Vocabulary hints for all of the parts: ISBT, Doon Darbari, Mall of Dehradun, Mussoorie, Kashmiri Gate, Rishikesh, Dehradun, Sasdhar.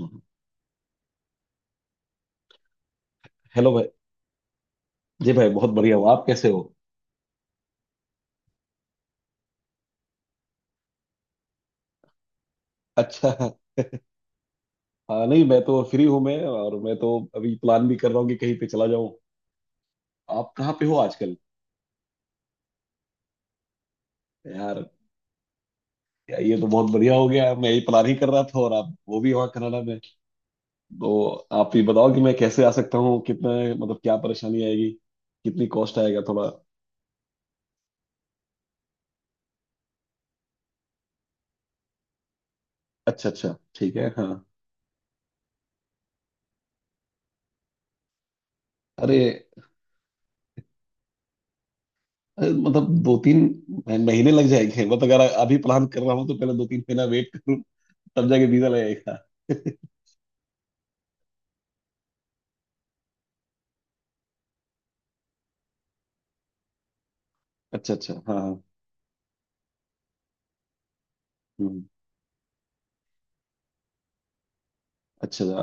हम्म। Hello भाई। जी भाई बहुत बढ़िया हूँ। आप कैसे हो। अच्छा। हाँ नहीं मैं तो फ्री हूँ। मैं तो अभी प्लान भी कर रहा हूँ कि कहीं पे चला जाऊँ। आप कहाँ पे हो आजकल। यार, ये तो बहुत बढ़िया हो गया। मैं यही प्लान ही कर रहा था और आप वो भी वहाँ कनाडा में। तो आप ये बताओ कि मैं कैसे आ सकता हूँ। कितना, मतलब क्या परेशानी आएगी। कितनी कॉस्ट आएगा थोड़ा। अच्छा अच्छा, ठीक है, हाँ। अरे। मतलब दो तीन महीने लग जाएंगे मतलब। अगर अभी प्लान कर रहा हूँ तो पहले दो तीन महीना वेट करूँ, तब जाके वीजा लगेगा। अच्छा अच्छा, हाँ हाँ। हम्म, अच्छा।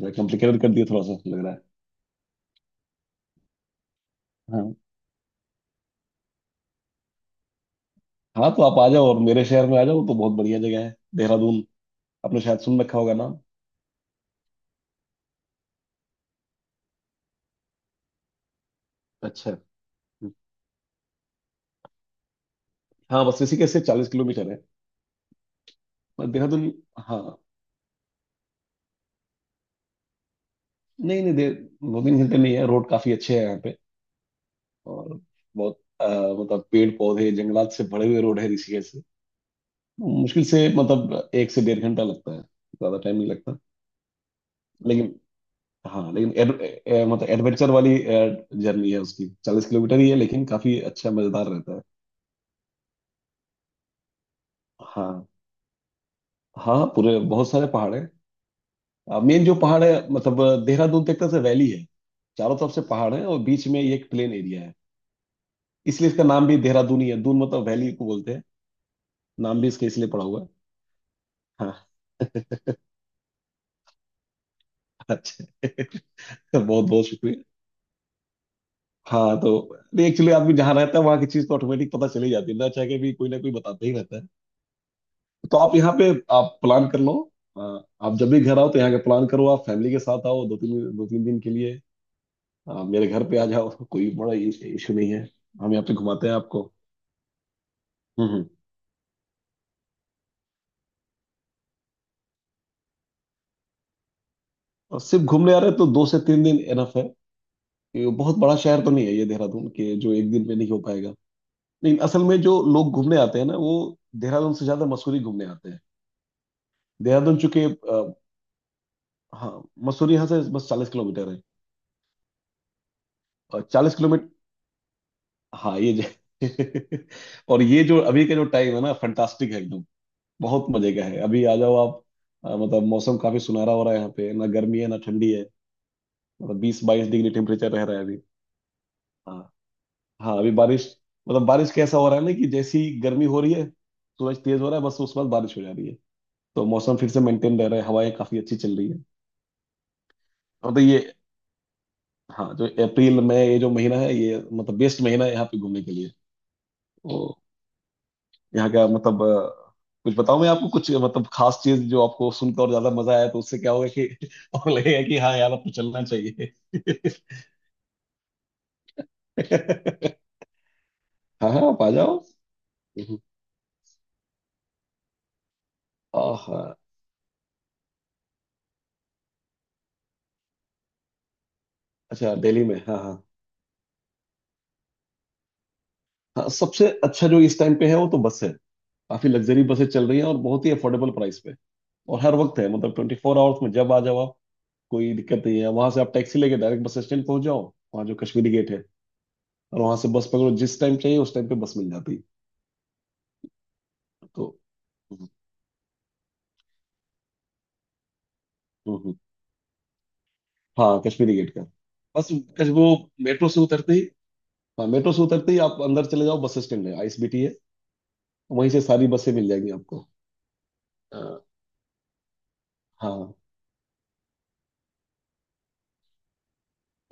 मैं कॉम्प्लिकेटेड कर दिया थोड़ा सा लग रहा है। हाँ, हाँ तो आप आ जाओ और मेरे शहर में आ जाओ। वो तो बहुत बढ़िया जगह है, देहरादून। आपने शायद सुन रखा होगा नाम। अच्छा। हम्म। हाँ, बस ऋषिकेश से 40 किलोमीटर है। पर देहरादून, हाँ नहीं नहीं, दे दो तीन घंटे नहीं है। रोड काफी अच्छे हैं यहाँ पे। और बहुत मतलब पेड़ पौधे जंगलात से भरे हुए रोड है। ऋषिकेश से मुश्किल से मतलब एक से डेढ़ घंटा लगता है, ज्यादा टाइम नहीं लगता। लेकिन, हाँ लेकिन मतलब एडवेंचर वाली जर्नी है उसकी। 40 किलोमीटर ही है लेकिन काफी अच्छा मजेदार रहता है। हाँ। हाँ पूरे, बहुत सारे पहाड़ हैं। मेन जो पहाड़ है मतलब देहरादून तक से वैली है। चारों तरफ से पहाड़ है और बीच में ये एक प्लेन एरिया है। इसलिए इसका नाम भी देहरादून ही है। दून मतलब वैली को बोलते हैं। नाम भी इसके इसलिए पड़ा हुआ है। हाँ अच्छा। बहुत बहुत शुक्रिया। हाँ तो एक्चुअली आदमी जहाँ रहता है वहाँ की चीज तो ऑटोमेटिक पता चली जाती है ना। चाह के भी कोई ना कोई बताता ही रहता है। तो आप यहाँ पे, आप प्लान कर लो। अ, आप जब भी घर आओ तो यहाँ का प्लान करो। आप फैमिली के साथ आओ, दो तीन दिन के लिए। मेरे घर पे आ जाओ कोई बड़ा इशू नहीं है। हम यहाँ पे घुमाते हैं आपको। हम्म हम्म। और सिर्फ घूमने आ रहे हैं तो दो से तीन दिन एनफ है। ये बहुत बड़ा शहर तो नहीं है ये देहरादून, के जो एक दिन में नहीं हो पाएगा। लेकिन असल में जो लोग घूमने आते हैं ना वो देहरादून से ज्यादा मसूरी घूमने आते हैं। देहरादून चूंकि हाँ, मसूरी यहाँ से बस 40 किलोमीटर है। और 40 किलोमीटर। हाँ ये जो और ये जो अभी का जो टाइम है ना फंटास्टिक है एकदम। बहुत मजे का है अभी, आ जाओ आप। मतलब मौसम काफी सुनहरा हो रहा है यहाँ पे, ना गर्मी है ना ठंडी है। मतलब 20-22 डिग्री टेम्परेचर रह रहा है अभी। हाँ। हाँ अभी बारिश, मतलब बारिश कैसा हो रहा है ना कि जैसी गर्मी हो रही है सूरज तेज हो रहा है, बस उसके बाद बारिश हो जा रही है। तो मौसम फिर से मेंटेन रह रहा है, हवाएं काफी अच्छी चल रही है। और तो ये, हाँ जो अप्रैल मई ये जो महीना है ये मतलब बेस्ट महीना है यहाँ पे घूमने के लिए। तो यहाँ का मतलब कुछ बताऊं मैं आपको कुछ मतलब खास चीज जो आपको सुनकर और ज्यादा मजा आया तो उससे क्या होगा कि और लगेगा कि हाँ यार आपको चलना चाहिए। हाँ हाँ, आप आ जाओ। हम्म। आह, अच्छा दिल्ली में, हाँ हाँ। हाँ, सबसे अच्छा जो इस टाइम पे है वो तो बस है। काफी लग्जरी बसें चल रही हैं और बहुत ही अफोर्डेबल प्राइस पे। और हर वक्त है, मतलब 24 आवर्स में जब आ जाओ आप। कोई दिक्कत नहीं है। वहां से आप टैक्सी लेके डायरेक्ट बस स्टैंड पहुंच जाओ। वहाँ जो कश्मीरी गेट है। और वहां से बस पकड़ो, जिस टाइम चाहिए उस टाइम पे बस मिल जाती है। तो हम्म, हम्म, हाँ कश्मीरी गेट का। बस कश वो मेट्रो से उतरते ही, हाँ मेट्रो से उतरते ही आप अंदर चले जाओ। बस स्टैंड है, आईएसबीटी है। वहीं से सारी बसें मिल जाएंगी आपको। अ, हाँ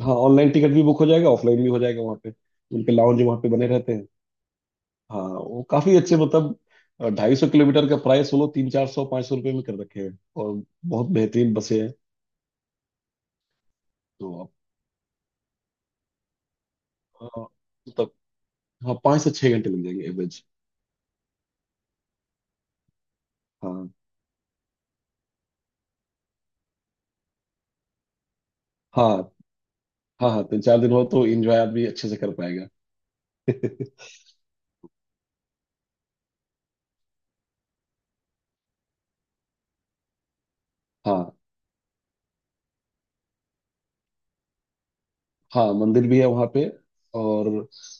हाँ, ऑनलाइन टिकट भी बुक हो जाएगा, ऑफलाइन भी हो जाएगा वहाँ पे। उनके लाउंज वहाँ पे बने रहते हैं। हाँ वो काफी अच्छे, मतलब 250 किलोमीटर का प्राइस वो लोग तीन चार सौ पाँच सौ रुपये में कर रखे हैं। और बहुत बेहतरीन बसें हैं। तो आप, हाँ, मतलब, हाँ 5 से 6 घंटे लग जाएंगे एवरेज। हाँ। हाँ। हाँ, हाँ तीन चार दिन हो तो इंजॉय आदमी अच्छे से कर पाएगा हाँ। हाँ मंदिर भी है वहाँ पे। और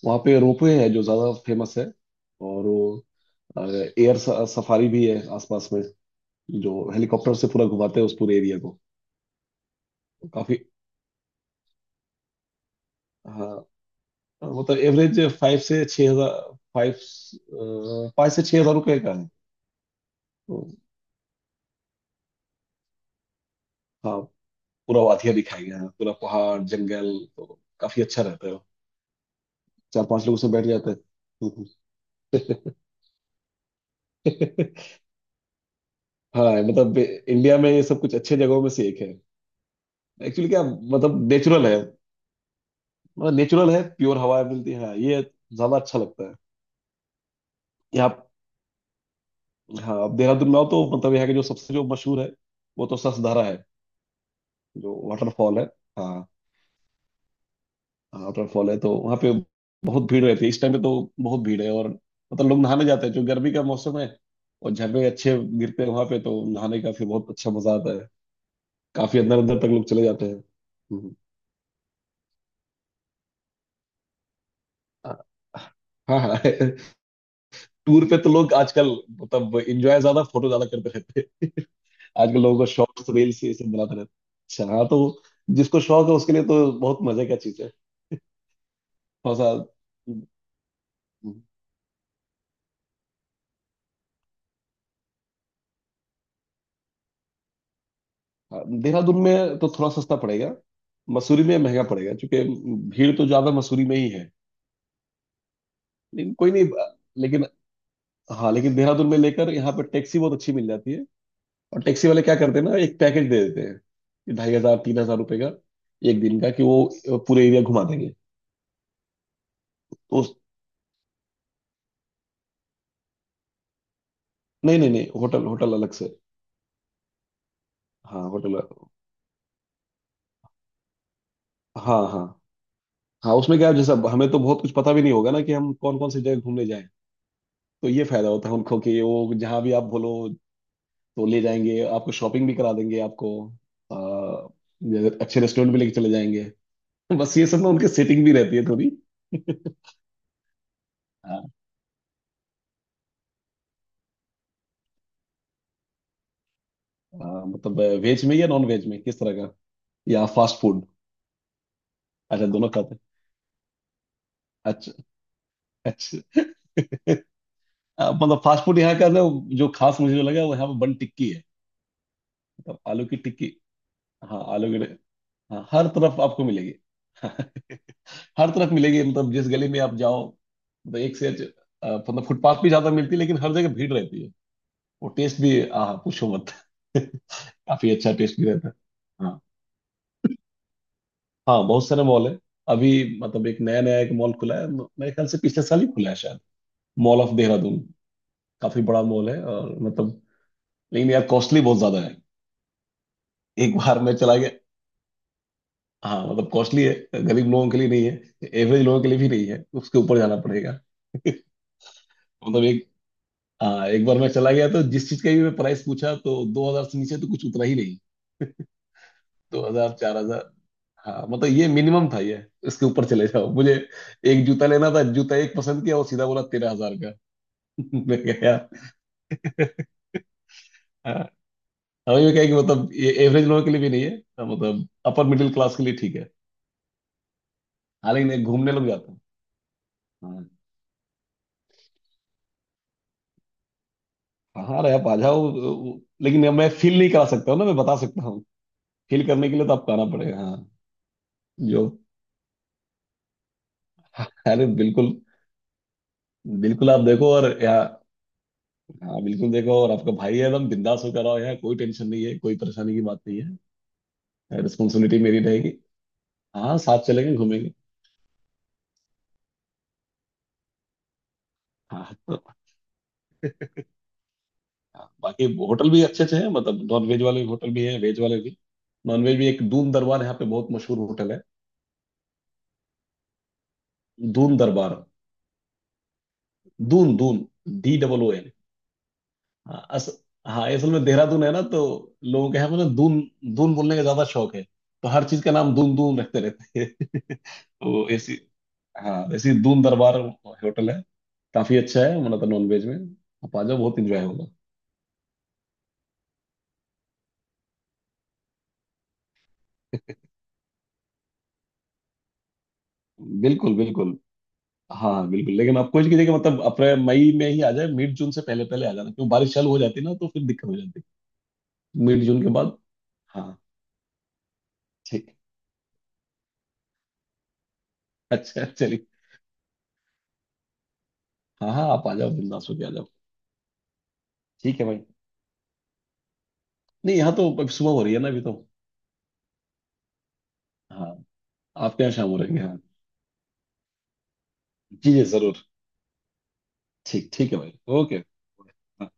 वहाँ पे रोपवे है जो ज़्यादा फेमस है। और वो एयर सफारी भी है आसपास में, जो हेलीकॉप्टर से पूरा घुमाते हैं उस पूरे एरिया को। काफ़ी, हाँ मतलब एवरेज 5 से 6 हज़ार, फाइव 5 से 6 हज़ार रुपये का है। तो हाँ, पूरा वादियाँ दिखाई गया है, पूरा पहाड़ जंगल, तो काफ़ी अच्छा रहता है। चार पांच लोग उसमें बैठ जाते हैं। हाँ, मतलब इंडिया में ये सब कुछ अच्छे जगहों में से एक है। एक्चुअली क्या, मतलब नेचुरल है। मतलब नेचुरल है, प्योर हवाएं मिलती है हाँ, ये ज्यादा अच्छा लगता है यहाँ। हाँ, अब देहरादून में आओ तो मतलब यहाँ के जो सबसे जो मशहूर है वो तो ससधारा है, जो वाटरफॉल है। हाँ वाटरफॉल है तो वहाँ पे बहुत भीड़ रहती है, इस टाइम पे तो बहुत भीड़ है। और मतलब लोग नहाने जाते हैं, जो गर्मी का मौसम है। और झरने अच्छे गिरते हैं वहाँ पे तो नहाने का फिर बहुत अच्छा मजा आता है। काफी अंदर अंदर तक लोग चले जाते हैं। हम्म। हाँ हाँ टूर पे तो लोग आजकल मतलब एंजॉय ज्यादा, फोटो ज्यादा करते रहते हैं। आजकल लोगों को शॉर्ट्स रील्स ये सब बनाते रहते हैं। अच्छा हाँ, तो जिसको शौक है उसके लिए तो बहुत मजे का चीज है। थोड़ा सा, हाँ, देहरादून में तो थोड़ा सस्ता पड़ेगा। मसूरी में महंगा पड़ेगा क्योंकि भीड़ तो ज्यादा मसूरी में ही है। लेकिन कोई नहीं, लेकिन, हाँ लेकिन देहरादून में लेकर यहाँ पर टैक्सी बहुत अच्छी मिल जाती है। और टैक्सी वाले क्या करते हैं ना, एक पैकेज दे देते हैं कि 2.5 हज़ार 3 हज़ार रुपये का एक दिन का, कि वो पूरे एरिया घुमा देंगे। तो उस- नहीं नहीं नहीं, होटल होटल अलग से। हाँ होटल, हाँ हाँ। हाँ उसमें क्या है, जैसे अब हमें तो बहुत कुछ पता भी नहीं होगा ना कि हम कौन कौन सी जगह घूमने जाएं। तो ये फायदा होता है उनको कि वो जहाँ भी आप बोलो तो ले जाएंगे आपको। शॉपिंग भी करा देंगे आपको। आ, जैसे अच्छे रेस्टोरेंट भी लेके चले जाएंगे बस ये सब ना उनके सेटिंग भी रहती है थोड़ी। हाँ मतलब वेज में या नॉन वेज में, किस तरह का, या फास्ट फूड। अच्छा दोनों खाते हैं। अच्छा अच्छा। मतलब फास्ट फूड यहाँ का ना जो खास मुझे जो लगा वो यहाँ पे बन टिक्की है। मतलब आलू की टिक्की। हाँ आलू की। हाँ हर तरफ आपको मिलेगी हर तरफ मिलेगी, मतलब जिस गली में आप जाओ, मतलब मतलब फुटपाथ भी ज्यादा मिलती है लेकिन हर जगह भीड़ रहती है। वो टेस्ट भी, आह पूछो मत काफी अच्छा टेस्ट भी रहता है। हाँ। हाँ बहुत सारे मॉल है। अभी मतलब एक नया नया एक मॉल खुला है, मेरे ख्याल से पिछले साल ही खुला है शायद, मॉल ऑफ देहरादून। काफी बड़ा मॉल है और मतलब, लेकिन यार कॉस्टली बहुत ज्यादा है। एक बार मैं चला गया, हाँ मतलब कॉस्टली है। गरीब लोगों के लिए नहीं है, एवरेज लोगों के लिए भी नहीं है, उसके ऊपर जाना पड़ेगा। मतलब एक, हाँ एक बार मैं चला गया तो जिस चीज का भी मैं प्राइस पूछा तो 2 हज़ार से नीचे तो कुछ उतरा ही नहीं। 2 हज़ार 4 हज़ार, हाँ मतलब ये मिनिमम था ये। इसके ऊपर चले जाओ। मुझे एक जूता लेना था, जूता एक पसंद किया और सीधा बोला 13 हज़ार का। मैं गया। हाँ, हमें ये क्या है कि मतलब ये एवरेज लोगों के लिए भी नहीं है, हाँ, मतलब अपर मिडिल क्लास के लिए ठीक है। हालांकि नहीं, घूमने लोग जाते हैं। हाँ हाँ, अरे आप आ जाओ, लेकिन अब मैं फील नहीं करा सकता हूँ ना, मैं बता सकता हूँ। फील करने के लिए तो आपको आना पड़ेगा हाँ। जो, अरे बिल्कुल, बिल्कुल आप देखो। और हाँ बिल्कुल देखो, और आपका भाई है, एकदम बिंदास होकर आओ यार। कोई टेंशन नहीं है, कोई परेशानी की बात नहीं है। रिस्पॉन्सिबिलिटी मेरी रहेगी। हाँ, साथ चलेंगे घूमेंगे। हाँ तो, हाँ, बाकी होटल भी अच्छे अच्छे हैं, मतलब नॉन वेज वाले होटल भी हैं, वेज वाले भी। नॉन वेज भी, एक दून दरबार यहाँ पे बहुत मशहूर होटल है। दून दरबार। दून, दून, DOON। हाँ अस हाँ असल में देहरादून है ना तो लोगों के यहाँ पे ना दून, दून बोलने का ज्यादा शौक है। तो हर चीज का नाम दून दून रखते रहते हैं तो ऐसी, हाँ ऐसी दून दरबार होटल है। काफी अच्छा है हमारा तो नॉनवेज में। आप आ जाओ, बहुत इंजॉय होगा। बिल्कुल बिल्कुल। हाँ बिल्कुल, लेकिन आप कोशिश कीजिए कि मतलब अप्रैल मई में ही आ जाए। मिड जून से पहले पहले आ जाना, क्यों बारिश चालू हो जाती है ना, तो फिर दिक्कत हो जाती है मिड जून के बाद। हाँ। ठीक। अच्छा चलिए। हाँ हाँ, आप आ जाओ, बिंदास होके आ जाओ। ठीक है भाई। नहीं, यहाँ तो अब सुबह हो रही है ना अभी तो। हाँ, आपके यहाँ शाम हो रही है, हाँ। जी जी, जरूर। ठीक, ठीक है भाई। ओके। हाँ।